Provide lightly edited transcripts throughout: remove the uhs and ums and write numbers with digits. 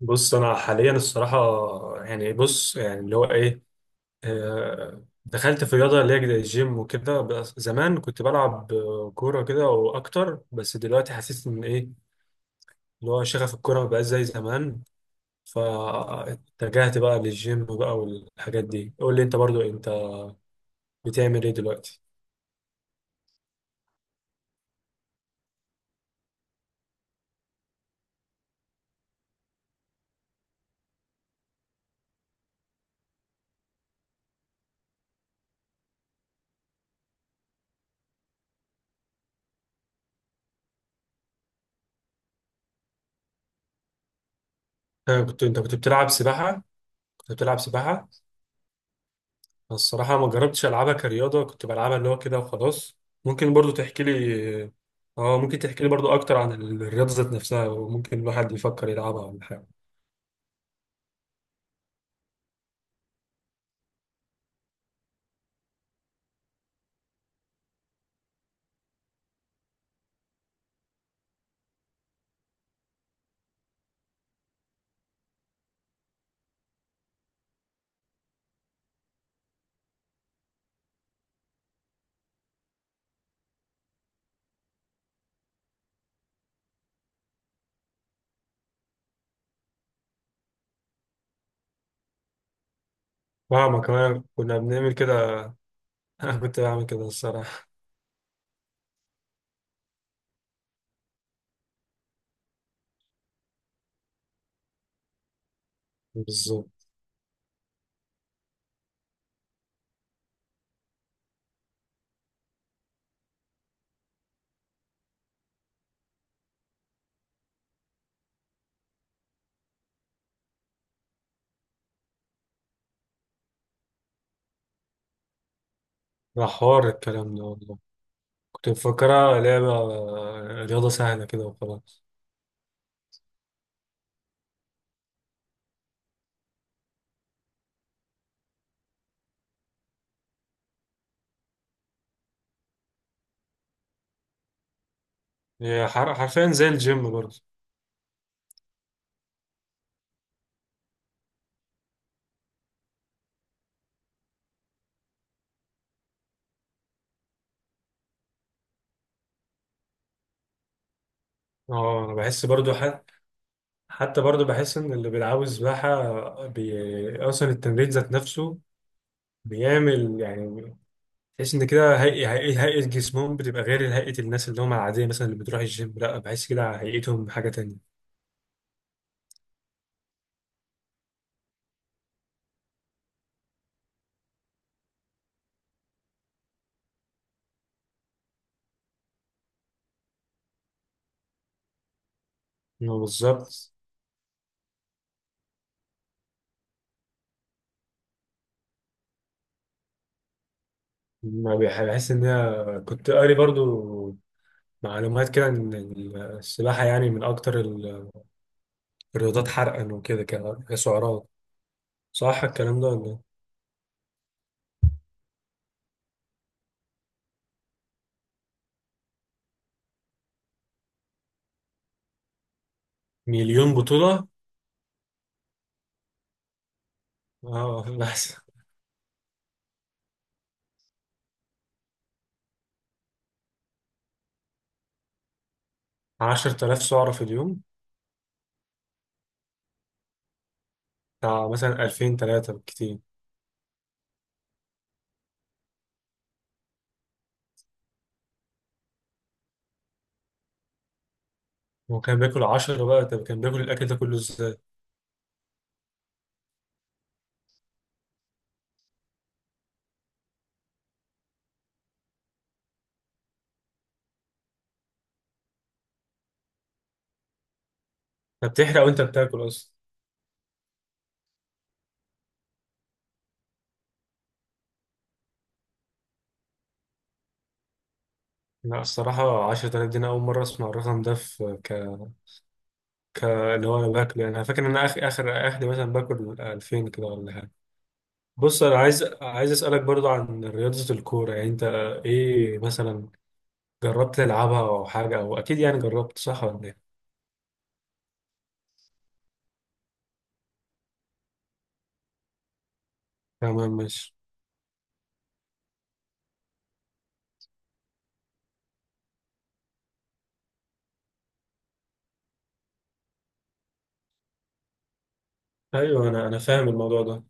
بص انا حاليا الصراحه يعني بص يعني اللي هو ايه آه، دخلت في رياضه اللي هي زي الجيم وكده. بس زمان كنت بلعب كوره كده واكتر، بس دلوقتي حسيت ان ايه اللي هو شغف الكوره مبقاش زي زمان، فاتجهت بقى للجيم بقى والحاجات دي. قول لي انت برضو، بتعمل ايه دلوقتي؟ كنت انت بتلعب سباحه؟ كنت بتلعب سباحه؟ الصراحة ما جربتش ألعبها كرياضة، كنت بلعبها اللي هو كده وخلاص. ممكن برضو تحكي لي، اه ممكن تحكي لي برضو أكتر عن الرياضة ذات نفسها، وممكن الواحد يفكر يلعبها ولا حاجة؟ فاهمة، كمان كنا بنعمل كده. أنا كنت بعمل كده الصراحة. بالظبط. ده حوار الكلام ده والله. كنت مفكرها لعبة، رياضة سهلة كده وخلاص. حرفيا زي الجيم برضو. اه انا بحس برضو حتى، حتى برضو بحس ان اللي بيلعبوا سباحة اصلا التمرين ذات نفسه بيعمل، يعني تحس ان كده هيئة جسمهم بتبقى غير هيئة الناس اللي هم العادية، مثلا اللي بتروح الجيم، لا بحس كده على هيئتهم حاجة تانية. ما بالظبط. ما بح- بحس ان هي كنت قاري برضو معلومات كده، ان السباحة يعني من اكتر الرياضات حرقا وكده كسعرات. صح الكلام ده ولا إيه؟ مليون بطولة؟ اه بس. 10,000 سعرة في اليوم؟ بتاع مثلا 2000 3 بالكتير. هو كان بياكل 10 بقى؟ طب كان بياكل الاكل ده كله ازاي؟ انت بتحرق وانت بتاكل اصلا. لا الصراحة 10,000 دي أنا أول مرة أسمع الرقم ده في اللي هو أنا باكله. يعني أنا فاكر إن أنا آخر مثلا باكل 2000 كده ولا حاجة. بص أنا عايز أسألك برضو عن رياضة الكورة، يعني إيه مثلا، جربت تلعبها أو حاجة؟ أو أكيد يعني جربت، صح ولا إيه؟ تمام ماشي. أيوه أنا فاهم الموضوع ده.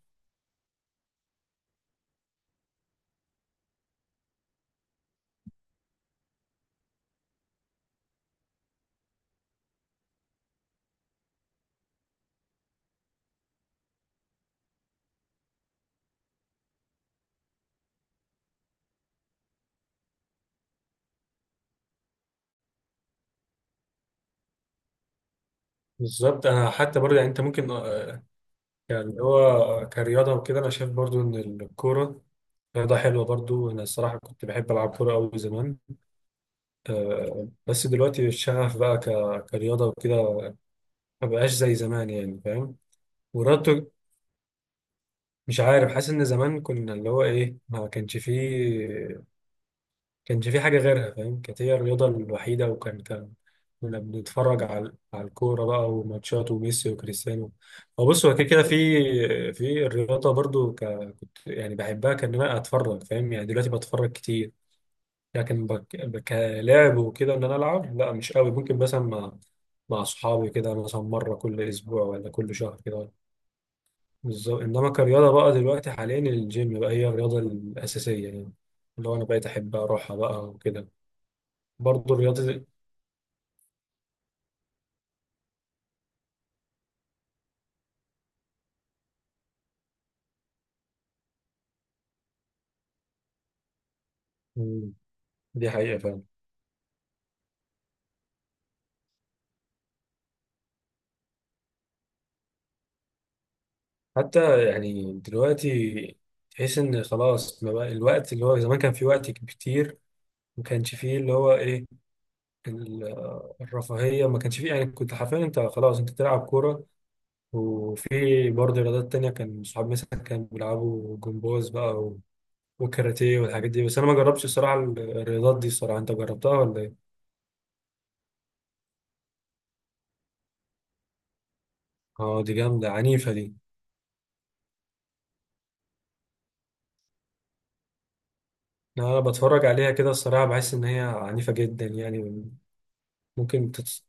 بالظبط. أنا حتى برضو يعني، أنت ممكن آه، يعني هو كرياضة وكده أنا شايف برضو إن الكورة رياضة حلوة برضو. أنا الصراحة كنت بحب ألعب كورة أوي زمان. بس دلوقتي الشغف بقى كرياضة وكده ما بقاش زي زمان، يعني فاهم. ورياضته، مش عارف، حاسس ان زمان كنا اللي هو ايه ما كانش فيه، كانش فيه حاجة غيرها فاهم، كانت هي الرياضة الوحيدة، وكان كنا بنتفرج على على الكورة بقى وماتشات وميسي وكريستيانو. هو بص هو كده كده في، في الرياضة برضو ك، يعني بحبها، كان انا اتفرج فاهم يعني، دلوقتي بتفرج كتير. لكن كلعب وكده ان انا العب، لا مش قوي، ممكن مثلا مع اصحابي كده مثلا مره كل اسبوع ولا كل شهر كده. بالظبط. انما كرياضه بقى دلوقتي حاليا الجيم بقى هي الرياضه الاساسيه يعني. اللي هو انا بقيت احب اروحها بقى وكده. برضه الرياضه دي. مم، دي حقيقه فعلا. حتى يعني دلوقتي تحس ان خلاص ما بقى الوقت، اللي هو زمان كان في وقت كتير، ما كانش فيه اللي هو ايه ال- الرفاهيه ما كانش فيه، يعني كنت حرفيا انت خلاص انت تلعب كوره. وفي برضه رياضات تانية، كان صحابي مثلا كانوا بيلعبوا جمباز بقى وكاراتيه والحاجات دي، بس أنا ما جربتش الصراحة الرياضات دي الصراحة. أنت جربتها ولا إيه؟ أه دي جامدة، عنيفة دي. أنا بتفرج عليها كده الصراحة، بحس إن هي عنيفة جدا يعني. ممكن تتس...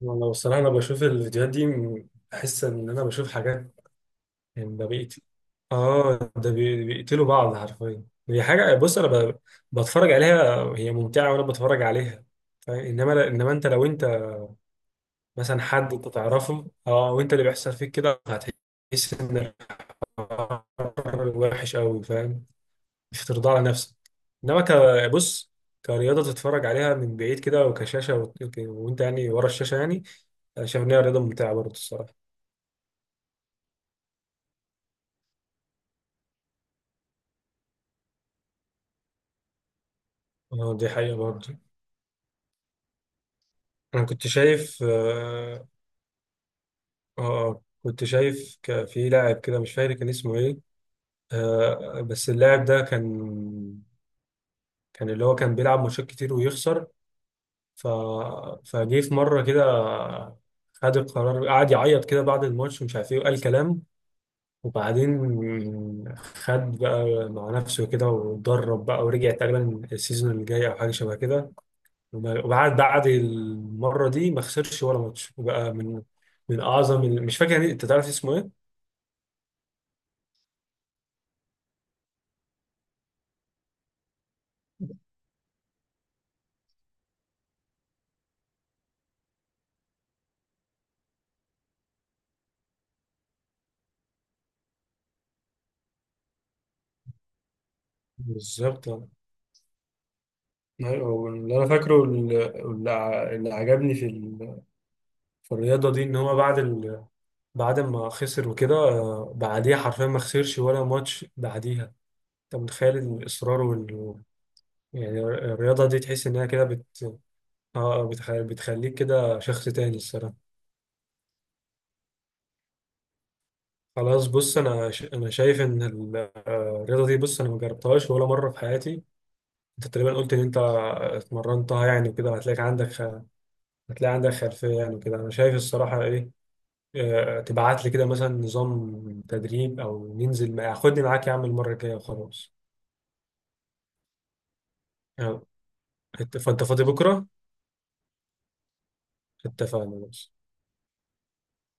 والله الصراحة أنا بشوف الفيديوهات دي، بحس إن أنا بشوف حاجات يعني، ده بقيت، آه ده بيقتلوا بعض حرفيا. هي حاجة، بص أنا بتفرج عليها، هي ممتعة وأنا بتفرج عليها فاهم؟ إنما انت لو انت مثلا حد انت تعرفه، اه وانت اللي بيحصل فيك كده، هتحس ان الحوار وحش قوي فاهم. مش هترضى على نفسك. بص، كرياضه تتفرج عليها من بعيد كده وكشاشه وانت يعني ورا الشاشه يعني، انا شايف ان هي رياضه ممتعه برضه الصراحه. اه دي حقيقه برضه. انا كنت شايف اه، كنت شايف في لاعب كده، مش فاكر كان اسمه ايه. آه بس اللاعب ده كان، كان اللي هو كان بيلعب ماتشات كتير ويخسر. ف... فجه في مرة كده، خد القرار، قعد يعيط كده بعد الماتش ومش عارف ايه، وقال كلام. وبعدين خد بقى مع نفسه كده واتدرب بقى ورجع تقريبا السيزون اللي جاي او حاجة شبه كده. وبعد المرة دي ما خسرش ولا ماتش، وبقى من من اعظم مش فاكر يعني، انت تعرف اسمه ايه؟ بالظبط أه. أيوة، هو اللي انا فاكره اللي عجبني في، فالرياضة دي، إن هو بعد ما خسر وكده بعديها حرفيا ما خسرش ولا ماتش بعديها. أنت متخيل الإصرار وال، يعني الرياضة دي تحس إنها كده بت، آه بتخليك كده شخص تاني الصراحة. خلاص بص أنا أنا شايف إن الرياضة دي، بص أنا ما جربتهاش ولا مرة في حياتي. أنت تقريبا قلت إن أنت اتمرنتها يعني وكده، هتلاقيك عندك هتلاقي عندك خلفية يعني وكده، أنا شايف الصراحة إيه، تبعت لي كده مثلا نظام تدريب، او ننزل خدني معاك يا عم المره الجايه وخلاص. آه، فانت فاضي بكره؟ اتفقنا.